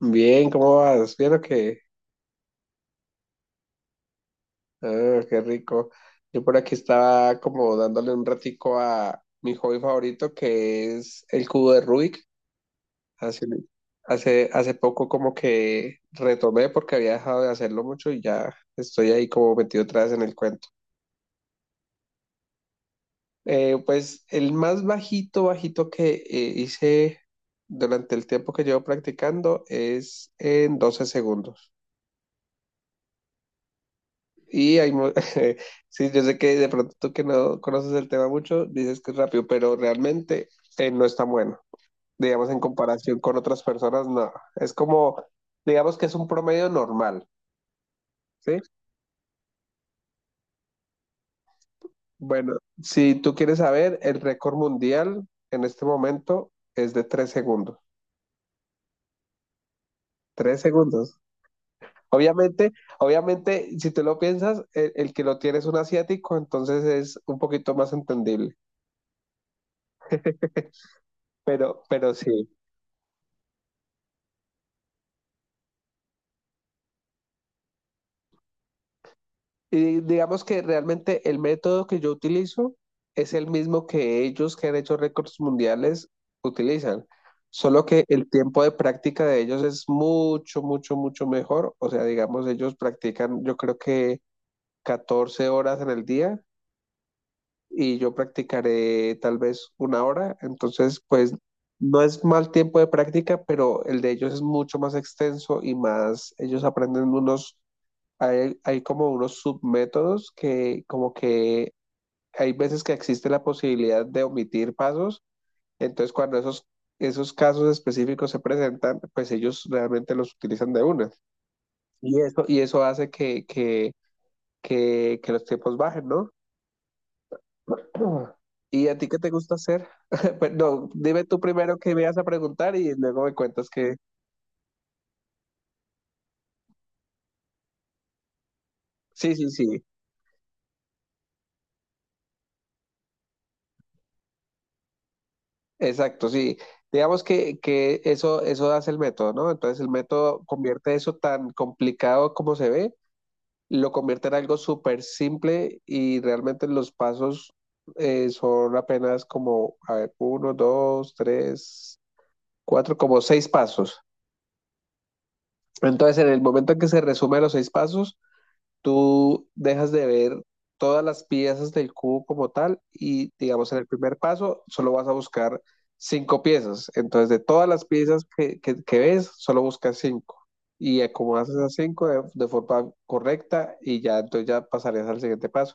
Bien, ¿cómo vas? ¿Bien o qué? Ah, qué rico. Yo por aquí estaba como dándole un ratico a mi hobby favorito que es el cubo de Rubik. Hace, hace poco como que retomé porque había dejado de hacerlo mucho y ya estoy ahí como metido otra vez en el cuento. Pues el más bajito, bajito que hice durante el tiempo que llevo practicando es en 12 segundos. Y sí, yo sé que de pronto tú que no conoces el tema mucho, dices que es rápido, pero realmente no es tan bueno. Digamos, en comparación con otras personas, no. Es como, digamos que es un promedio normal, ¿sí? Bueno, si tú quieres saber, el récord mundial en este momento es de 3 segundos. 3 segundos. Obviamente, obviamente, si tú lo piensas, el que lo tiene es un asiático, entonces es un poquito más entendible. Pero sí. Y digamos que realmente el método que yo utilizo es el mismo que ellos que han hecho récords mundiales utilizan, solo que el tiempo de práctica de ellos es mucho, mucho, mucho mejor. O sea, digamos, ellos practican yo creo que 14 horas en el día y yo practicaré tal vez una hora, entonces pues no es mal tiempo de práctica, pero el de ellos es mucho más extenso y más, ellos aprenden hay como unos submétodos que como que hay veces que existe la posibilidad de omitir pasos, entonces cuando esos casos específicos se presentan, pues ellos realmente los utilizan de una. Y eso hace que los tiempos bajen, ¿no? ¿Y a ti qué te gusta hacer? Pues no, dime tú primero qué me vas a preguntar y luego me cuentas que... Sí, sí, sí. Exacto, sí. Digamos que eso hace el método, ¿no? Entonces el método convierte eso tan complicado como se ve, lo convierte en algo súper simple y realmente los pasos son apenas como, a ver, uno, dos, tres, cuatro, como seis pasos. Entonces en el momento en que se resume los seis pasos, tú dejas de ver todas las piezas del cubo como tal y digamos en el primer paso solo vas a buscar cinco piezas. Entonces de todas las piezas que ves, solo buscas cinco. Y acomodas esas cinco de forma correcta y ya entonces ya pasarías al siguiente paso.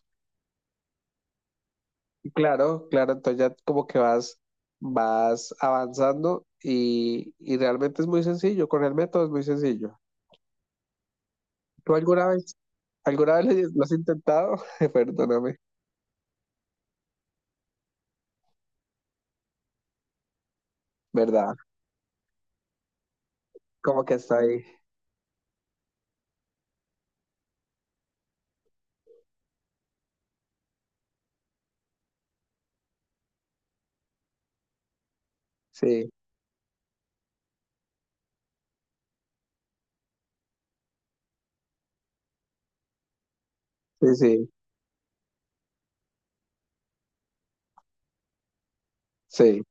Y claro, claro, entonces ya como que vas avanzando y realmente es muy sencillo, con el método es muy sencillo. ¿Tú alguna vez lo has intentado? Perdóname, ¿verdad? Como que está ahí. Sí, sí, sí, sí.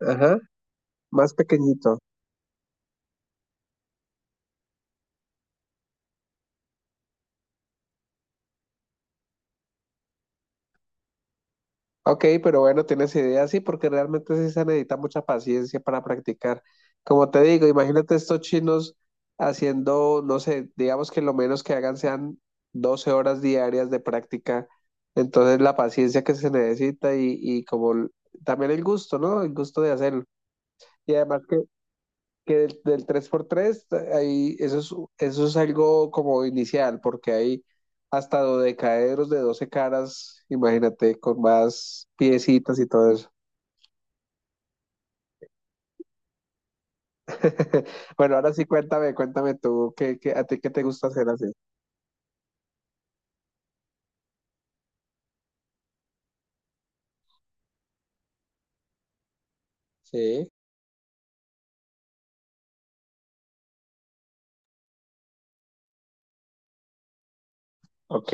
Ajá, más pequeñito. Ok, pero bueno, tienes idea, sí, porque realmente sí se necesita mucha paciencia para practicar. Como te digo, imagínate estos chinos haciendo, no sé, digamos que lo menos que hagan sean 12 horas diarias de práctica. Entonces la paciencia que se necesita y como también el gusto, ¿no? El gusto de hacerlo. Y además que del 3x3, ahí, eso es algo como inicial, porque hay hasta dodecaedros de 12 caras, imagínate, con más piecitas y todo eso. Bueno, ahora sí, cuéntame, cuéntame tú, ¿qué, a ti qué te gusta hacer así? Sí, ok,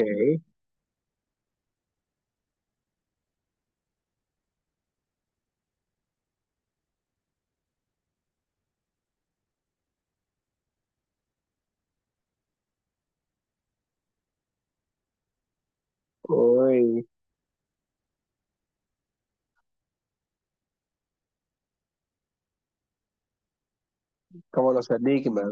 uy, como los enigmas,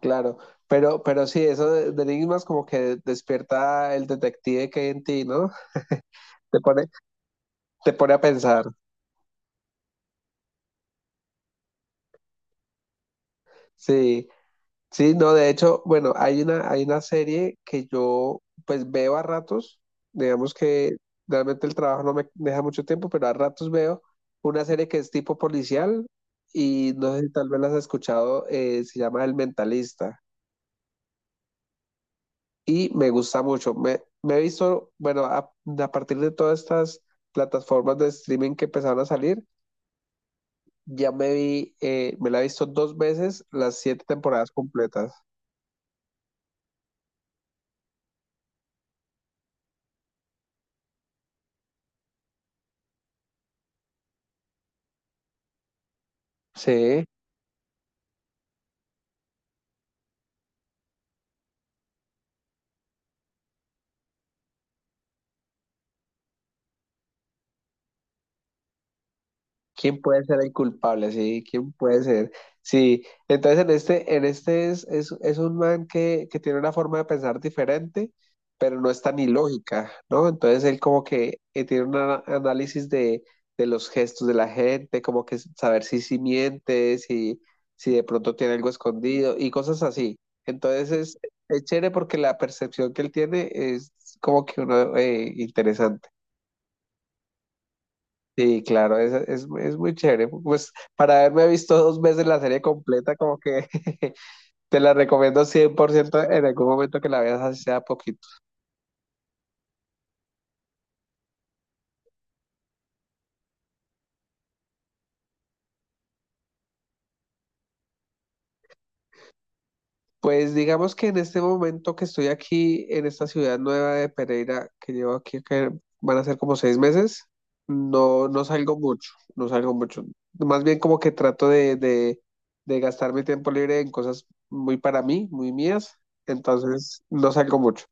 claro, pero sí, eso de enigmas como que despierta el detective que hay en ti, ¿no? Te pone, te pone a pensar, sí. Sí, no, de hecho, bueno, hay una, serie que yo pues veo a ratos, digamos que realmente el trabajo no me deja mucho tiempo, pero a ratos veo una serie que es tipo policial y no sé si tal vez las has escuchado, se llama El Mentalista y me gusta mucho. Me he visto, bueno, a partir de todas estas plataformas de streaming que empezaron a salir, ya me vi, me la he visto dos veces las siete temporadas completas. Sí. ¿Quién puede ser el culpable? Sí, ¿quién puede ser? Sí, entonces en este es un man que tiene una forma de pensar diferente, pero no es tan ilógica, ¿no? Entonces él como que tiene un análisis de los gestos de la gente, como que saber si miente, si de pronto tiene algo escondido y cosas así. Entonces es chévere porque la percepción que él tiene es como que uno interesante. Sí, claro, es muy chévere. Pues para haberme visto dos veces la serie completa, como que te la recomiendo 100% en algún momento que la veas, así sea poquito. Pues digamos que en este momento que estoy aquí en esta ciudad nueva de Pereira, que llevo aquí, que van a ser como 6 meses, no, no salgo mucho, no salgo mucho. Más bien como que trato de gastar mi tiempo libre en cosas muy para mí, muy mías, entonces no salgo mucho.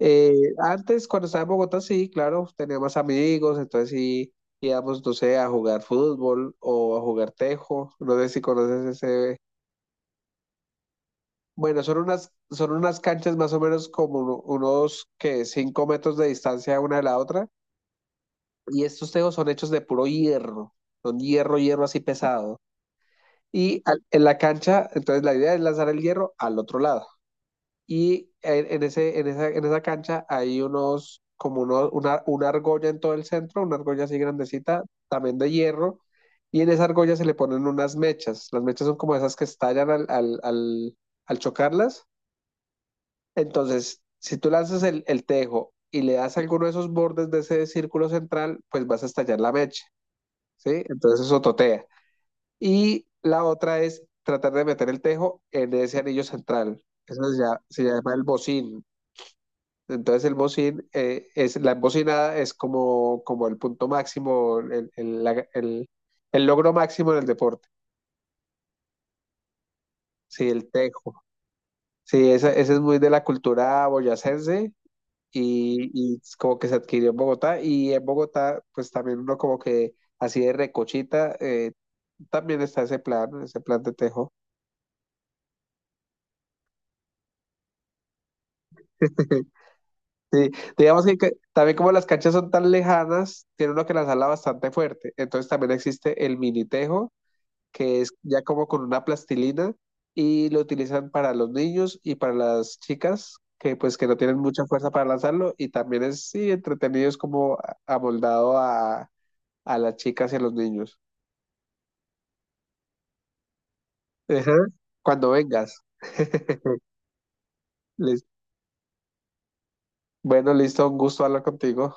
Eh, Antes, cuando estaba en Bogotá, sí, claro, tenía más amigos, entonces sí íbamos, no sé, a jugar fútbol o a jugar tejo, no sé si conoces ese. Bueno, son unas canchas más o menos como unos que 5 metros de distancia una de la otra, y estos tejos son hechos de puro hierro, son hierro, hierro así pesado. Y en la cancha, entonces la idea es lanzar el hierro al otro lado. Y en esa cancha hay unos, como uno, una argolla en todo el centro, una argolla así grandecita, también de hierro, y en esa argolla se le ponen unas mechas. Las mechas son como esas que estallan al chocarlas. Entonces, si tú lanzas el tejo y le das alguno de esos bordes de ese círculo central, pues vas a estallar la mecha, ¿sí? Entonces eso totea. Y la otra es tratar de meter el tejo en ese anillo central. Eso se llama el bocín, entonces el bocín, la embocinada es como el punto máximo, el logro máximo en el deporte. Sí, el tejo. Sí, ese es muy de la cultura boyacense y es como que se adquirió en Bogotá. Y en Bogotá, pues también uno como que así de recochita, también está ese plan, de tejo. Sí, digamos que también como las canchas son tan lejanas, tiene uno que lanzarla bastante fuerte. Entonces también existe el mini tejo que es ya como con una plastilina y lo utilizan para los niños y para las chicas que pues que no tienen mucha fuerza para lanzarlo y también es sí entretenido, es como amoldado a las chicas y a los niños. Ajá. Cuando vengas. Lis- Bueno, listo, un gusto hablar contigo.